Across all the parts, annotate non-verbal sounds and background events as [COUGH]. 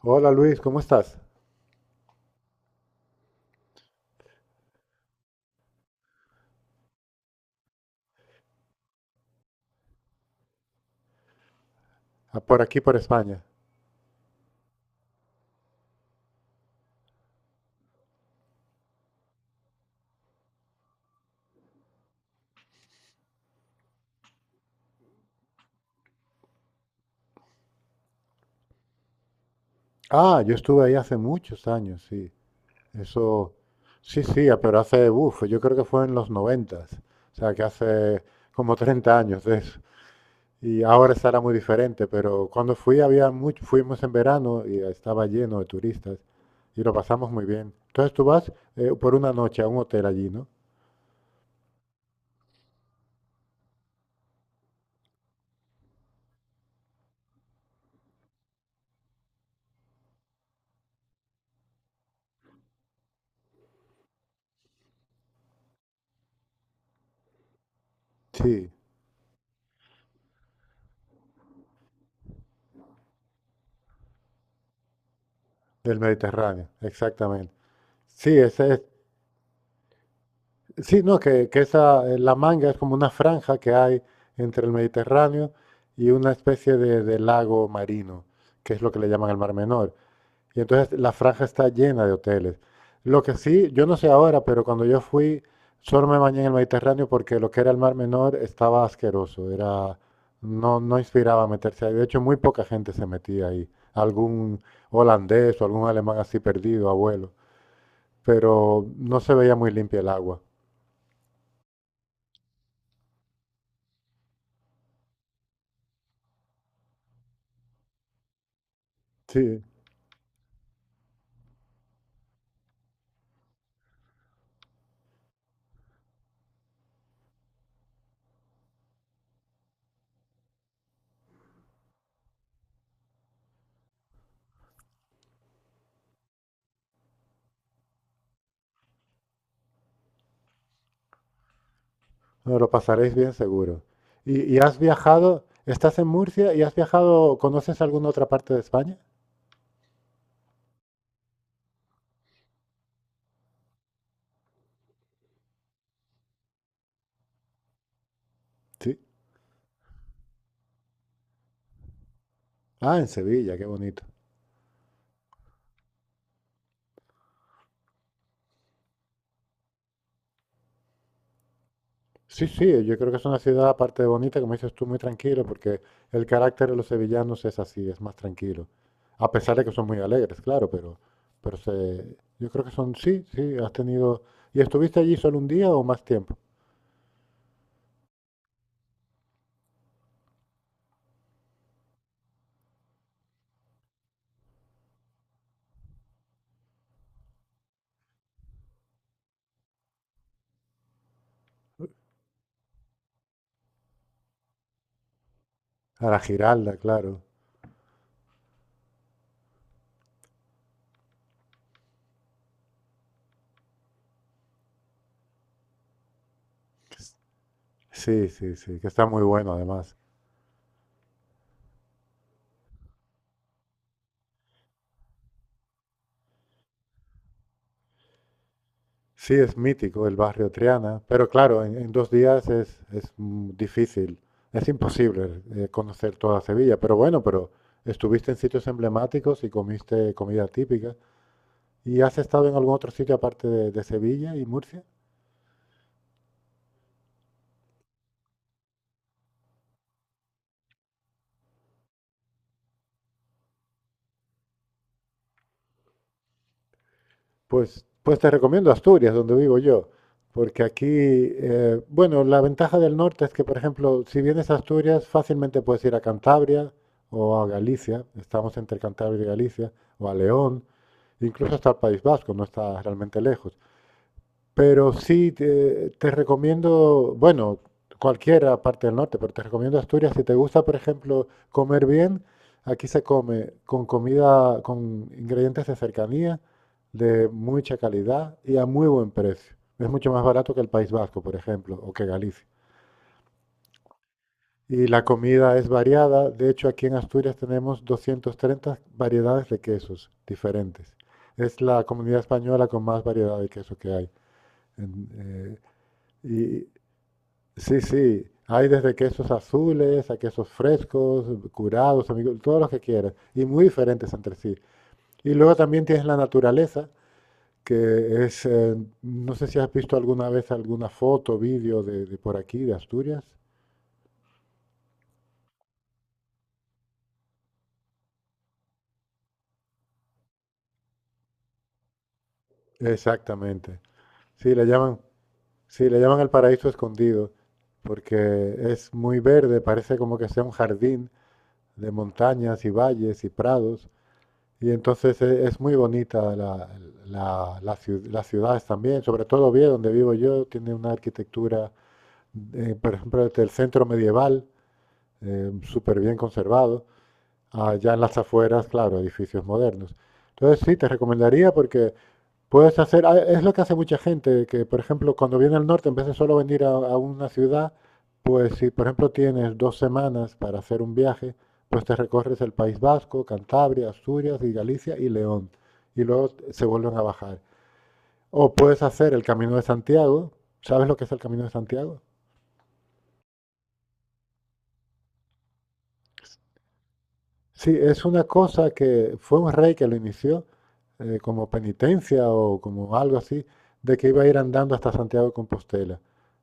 Hola Luis, ¿cómo estás? Ah, por aquí, por España. Ah, yo estuve ahí hace muchos años, sí. Eso, sí, sí, ah, pero hace, uff, yo creo que fue en los 90. O sea, que hace como 30 años de eso. Y ahora estará muy diferente, pero cuando fui había mucho, fuimos en verano y estaba lleno de turistas y lo pasamos muy bien. Entonces tú vas por una noche a un hotel allí, ¿no? Sí, del Mediterráneo, exactamente. Sí, ese es. Sí, no, que esa, la Manga es como una franja que hay entre el Mediterráneo y una especie de lago marino, que es lo que le llaman el Mar Menor. Y entonces la franja está llena de hoteles. Lo que sí, yo no sé ahora, pero cuando yo fui, solo me bañé en el Mediterráneo porque lo que era el Mar Menor estaba asqueroso, era, no, no inspiraba meterse ahí. De hecho, muy poca gente se metía ahí. Algún holandés o algún alemán así perdido, abuelo. Pero no se veía muy limpia el agua. Sí. No, lo pasaréis bien seguro. ¿Y has viajado? ¿Estás en Murcia y has viajado? ¿Conoces alguna otra parte de España? Sí. Ah, en Sevilla, qué bonito. Sí, sí, yo creo que es una ciudad, aparte de bonita, como dices tú, muy tranquilo, porque el carácter de los sevillanos es así, es más tranquilo. A pesar de que son muy alegres, claro, pero se, yo creo que son, sí, sí, has tenido. ¿Y estuviste allí solo un día o más tiempo? A la Giralda, claro. Sí, sí, sí, que está muy bueno además. Sí, es mítico el barrio Triana, pero claro, en dos días es difícil, es imposible conocer toda Sevilla, pero bueno, pero estuviste en sitios emblemáticos y comiste comida típica. ¿Y has estado en algún otro sitio aparte de Sevilla y Murcia? Pues te recomiendo Asturias, donde vivo yo, porque aquí, bueno, la ventaja del norte es que, por ejemplo, si vienes a Asturias, fácilmente puedes ir a Cantabria o a Galicia, estamos entre Cantabria y Galicia, o a León, incluso hasta el País Vasco, no está realmente lejos. Pero sí, te recomiendo, bueno, cualquiera parte del norte, pero te recomiendo Asturias. Si te gusta, por ejemplo, comer bien, aquí se come con comida, con ingredientes de cercanía, de mucha calidad y a muy buen precio. Es mucho más barato que el País Vasco, por ejemplo, o que Galicia. Y la comida es variada. De hecho, aquí en Asturias tenemos 230 variedades de quesos diferentes. Es la comunidad española con más variedad de queso que hay. En, y sí, sí. Hay desde quesos azules a quesos frescos, curados, amigos, todos los que quieras. Y muy diferentes entre sí. Y luego también tienes la naturaleza, que es, no sé si has visto alguna vez alguna foto, vídeo de por aquí, de Asturias. Exactamente. Sí, le llaman, sí, le llaman el paraíso escondido, porque es muy verde, parece como que sea un jardín de montañas y valles y prados. Y entonces es muy bonita las ciudades también, sobre todo Oviedo, donde vivo yo, tiene una arquitectura, por ejemplo, desde el centro medieval, súper bien conservado. Allá en las afueras, claro, edificios modernos. Entonces sí, te recomendaría porque puedes hacer, ah, es lo que hace mucha gente, que por ejemplo cuando viene al norte, en vez de solo venir a una ciudad, pues si por ejemplo tienes 2 semanas para hacer un viaje, pues te recorres el País Vasco, Cantabria, Asturias y Galicia y León, y luego se vuelven a bajar. O puedes hacer el Camino de Santiago. ¿Sabes lo que es el Camino de Santiago? Sí, es una cosa que fue un rey que lo inició como penitencia o como algo así, de que iba a ir andando hasta Santiago de Compostela.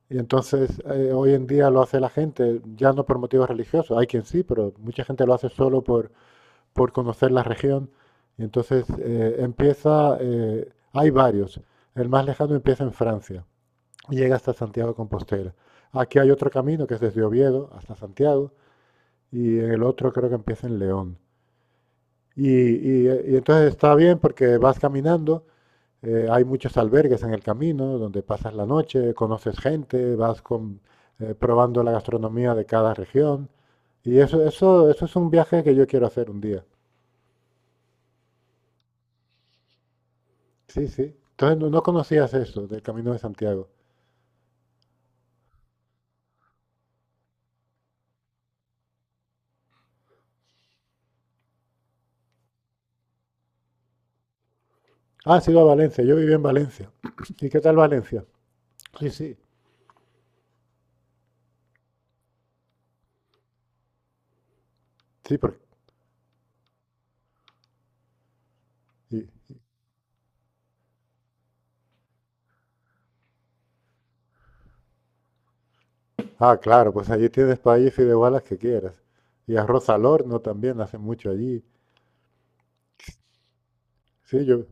Y entonces hoy en día lo hace la gente, ya no por motivos religiosos, hay quien sí, pero mucha gente lo hace solo por conocer la región. Y entonces empieza, hay varios, el más lejano empieza en Francia y llega hasta Santiago de Compostela. Aquí hay otro camino que es desde Oviedo hasta Santiago y el otro creo que empieza en León. Y entonces está bien porque vas caminando, hay muchos albergues en el camino donde pasas la noche, conoces gente, vas con, probando la gastronomía de cada región. Y eso es un viaje que yo quiero hacer un día. Sí, sí. Entonces no, no conocías eso del Camino de Santiago. Ah, has ido a Valencia. Yo viví en Valencia. [COUGHS] ¿Y qué tal Valencia? Sí, sí. Sí, porque... y- ah, claro, pues allí tienes país y de igualas que quieras. Y arroz al horno también hacen mucho allí. Sí, yo.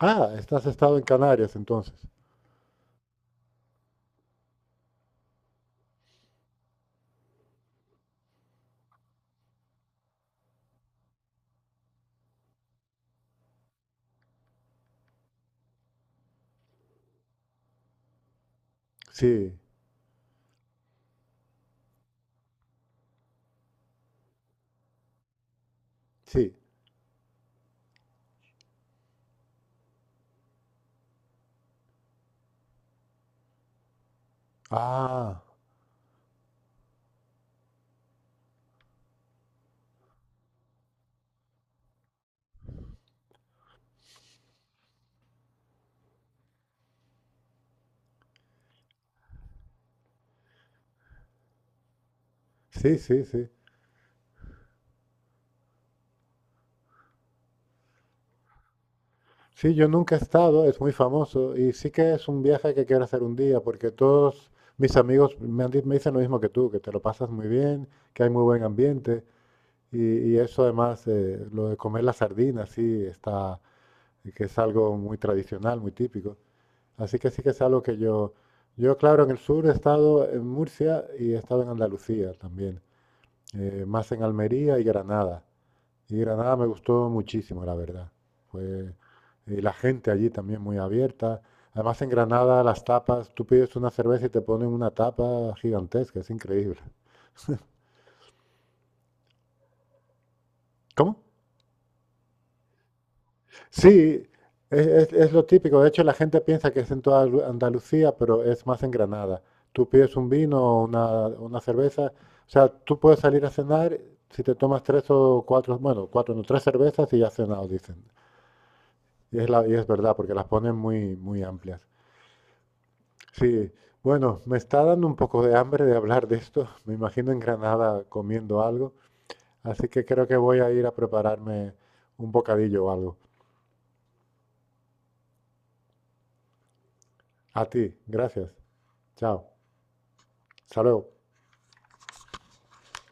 Ah, estás estado en Canarias entonces. Sí, sí. Ah, sí, sí, sí. Sí, yo nunca he estado, es muy famoso y sí que es un viaje que quiero hacer un día porque todos mis amigos me dicen lo mismo que tú, que te lo pasas muy bien, que hay muy buen ambiente y eso además, lo de comer las sardinas, sí, está, que es algo muy tradicional, muy típico. Así que sí que es algo que yo claro, en el sur he estado en Murcia y he estado en Andalucía también. Más en Almería y Granada. Y Granada me gustó muchísimo, la verdad. Fue, y la gente allí también muy abierta. Además, en Granada las tapas, tú pides una cerveza y te ponen una tapa gigantesca, es increíble. ¿Cómo? Sí, es lo típico. De hecho, la gente piensa que es en toda Andalucía, pero es más en Granada. Tú pides un vino o una cerveza. O sea, tú puedes salir a cenar si te tomas tres o cuatro, bueno, cuatro, no, tres cervezas y ya has cenado, dicen. Y es verdad, porque las ponen muy, muy amplias. Sí, bueno, me está dando un poco de hambre de hablar de esto. [LAUGHS] Me imagino en Granada comiendo algo, así que creo que voy a ir a prepararme un bocadillo o algo. A ti, gracias. Chao. Hasta luego.